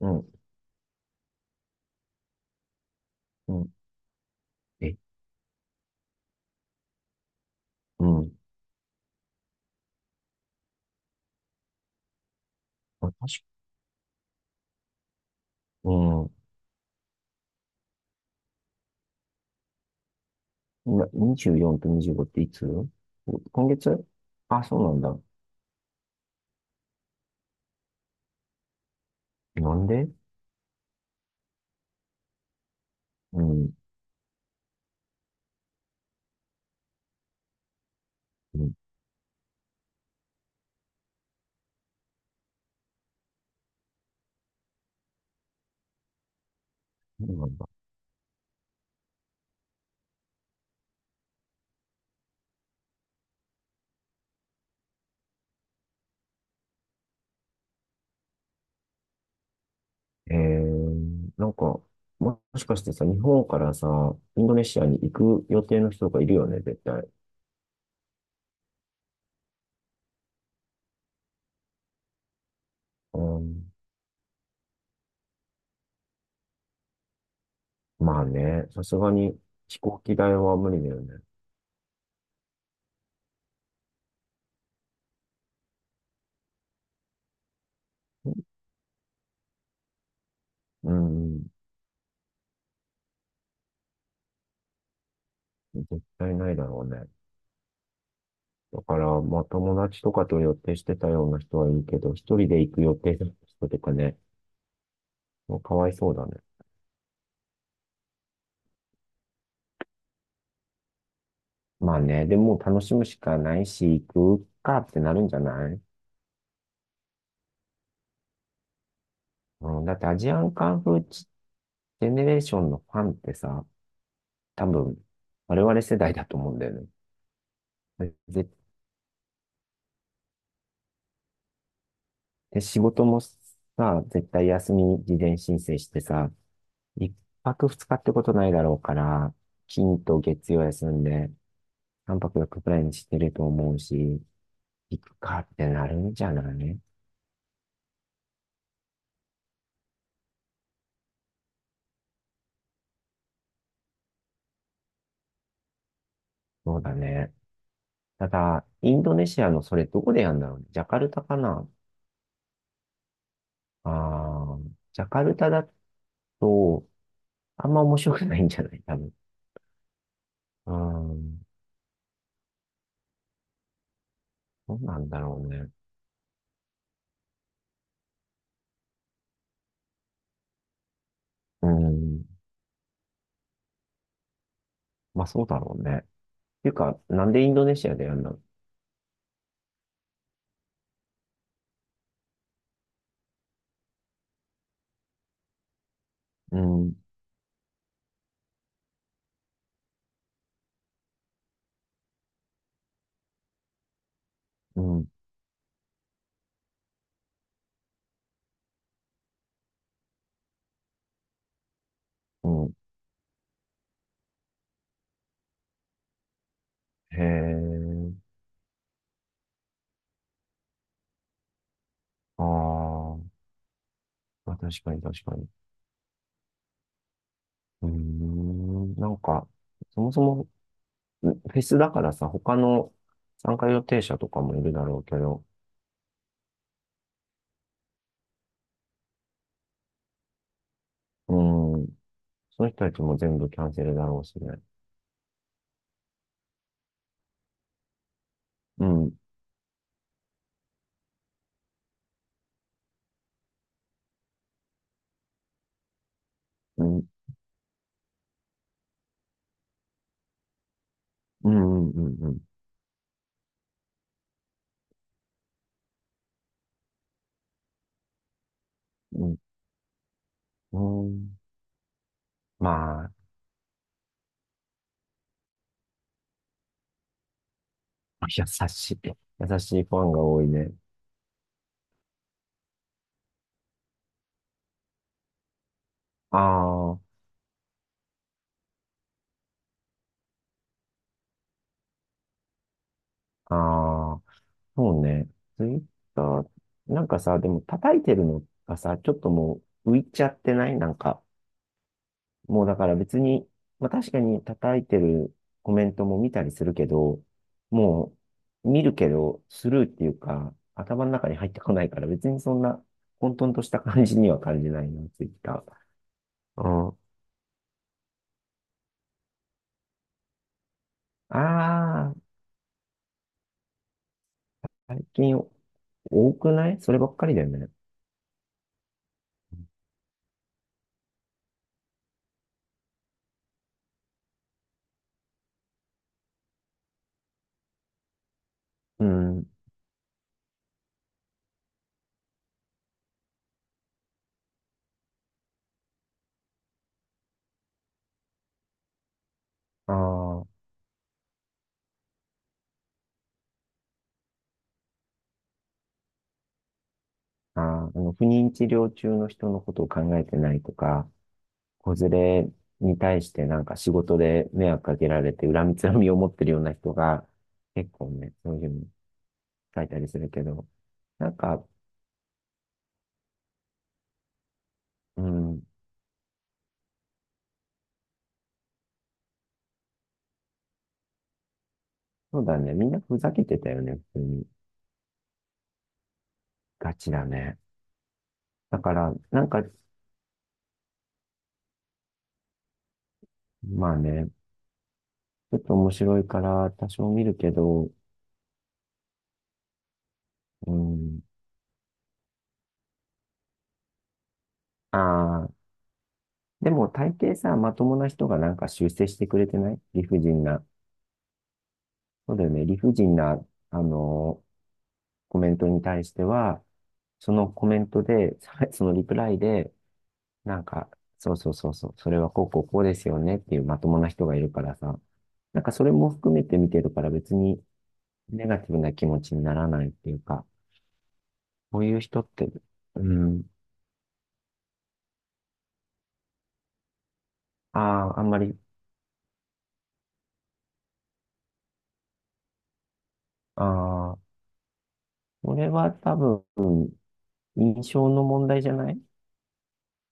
うん、うん、え、うん。あ、確か、うん。今、24と25っていつ？今月？あ、そうなんだ。なんで？うん、うん、そうなんだ。なんか、もしかしてさ、日本からさ、インドネシアに行く予定の人がいるよね、絶対。うん、まあね、さすがに飛行機代は無理だよね。うん、絶対ないだろうね。だから、まあ、友達とかと予定してたような人はいいけど、一人で行く予定だった人とかね、もうかわいそうだね。まあね、でも楽しむしかないし、行くかってなるんじゃない？うん、だってアジアンカンフージェネレーションのファンってさ、多分、我々世代だと思うんだよね。で、仕事もさ、絶対休み事前申請してさ、一泊二日ってことないだろうから、金と月曜休んで、三泊四日くらいにしてると思うし、行くかってなるんじゃない？そうだね。ただ、インドネシアのそれどこでやるんだろうね。ジャカルタかな？ああー、ジャカルタだと、あんま面白くないんじゃない？多分。うーん。どうなんだろうね。うーん。まあそうだろうね。っていうか、なんでインドネシアでやるの？うん、うん、うん。へえ。あー、まあ、確かに確かに。うーん。なんか、そもそもフェスだからさ、他の参加予定者とかもいるだろうけど、うん、その人たちも全部キャンセルだろうしね。うん、うん、うん、うん、うん、うん、うんうん、まあ、優しい、優しいファンが多いね。ああ、ああ、そうね。ツイッター、なんかさ、でも叩いてるのがさ、ちょっともう浮いちゃってないなんか、もうだから別に、まあ確かに叩いてるコメントも見たりするけど、もう見るけどスルーっていうか、頭の中に入ってこないから別にそんな混沌とした感じには感じないな、ツイッター。うん。ああ、最近多くない？そればっかりだよね。うん。あーあー、不妊治療中の人のことを考えてないとか、子連れに対してなんか仕事で迷惑かけられて恨みつらみを持ってるような人が結構ね、そういうの書いたりするけど、なんか、うん、そうだね。みんなふざけてたよね、普通に。ガチだね。だから、なんか、まあね、ちょっと面白いから多少見るけど、うん、ああ、でも大抵さ、まともな人がなんか修正してくれてない理不尽な。そうだよね。理不尽な、あのコメントに対しては、そのコメントで、そのリプライで、なんか、そうそうそうそう、それはこうこうこうですよねっていうまともな人がいるからさ、なんかそれも含めて見てるから別にネガティブな気持ちにならないっていうか、こういう人って、うん、ああ、あんまり、ああ、これは多分印象の問題じゃない？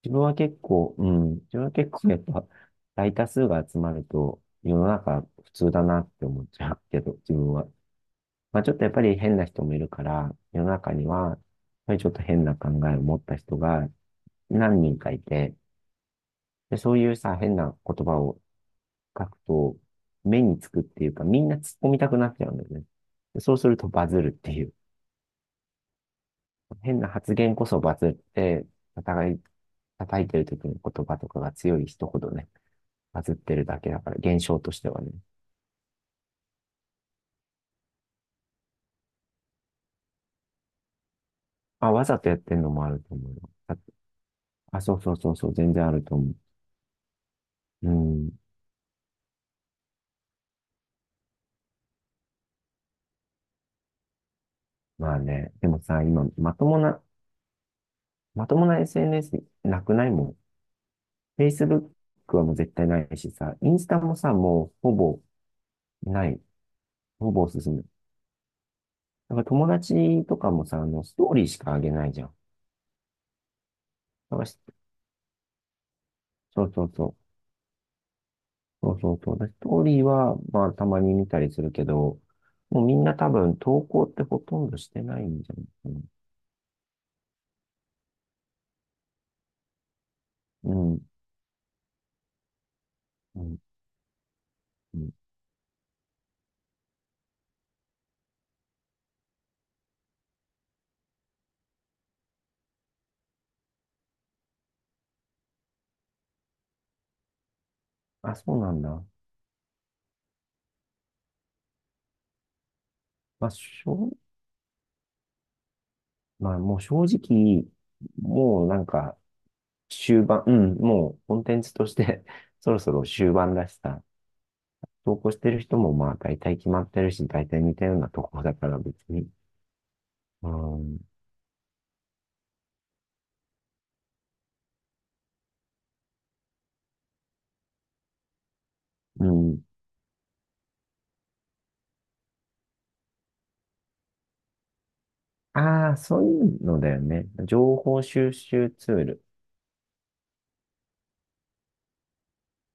自分は結構、うん、自分は結構やっぱ大多数が集まると世の中普通だなって思っちゃうけど、自分は。まあちょっとやっぱり変な人もいるから、世の中には、やっぱりちょっと変な考えを持った人が何人かいて、で、そういうさ、変な言葉を書くと、目につくっていうか、みんな突っ込みたくなっちゃうんだよね。でそうするとバズるっていう。変な発言こそバズって、お互い、叩いてる時の言葉とかが強い人ほどね。バズってるだけだから、現象としてはね。あ、わざとやってんのもあると思うよ。あ、あそうそうそうそう、全然あると思う。うん。まあね。でもさ、今、まともな、 SNS なくないもん。Facebook はもう絶対ないしさ、インスタもさ、もうほぼない。ほぼ進む。だから友達とかもさ、ストーリーしかあげないじゃん。だからしそうそうそう。そうそうそう。だからストーリーは、まあ、たまに見たりするけど、もうみんな多分投稿ってほとんどしてないんじゃないかな。うん、うん、うん。あ、そうなんだ。まあ、しょう、まあ、もう正直、もうなんか、終盤、うん、もうコンテンツとして そろそろ終盤だしさ、投稿してる人もまあ、大体決まってるし、大体似たようなとこだから別に。うん、うん。ああ、そういうのだよね。情報収集ツール。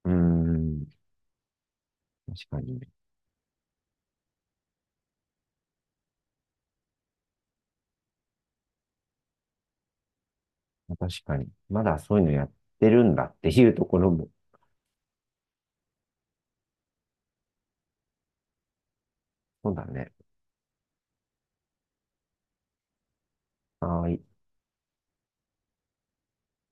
うん、確かにね。確かに。まだそういうのやってるんだっていうところも。そうだね。はい。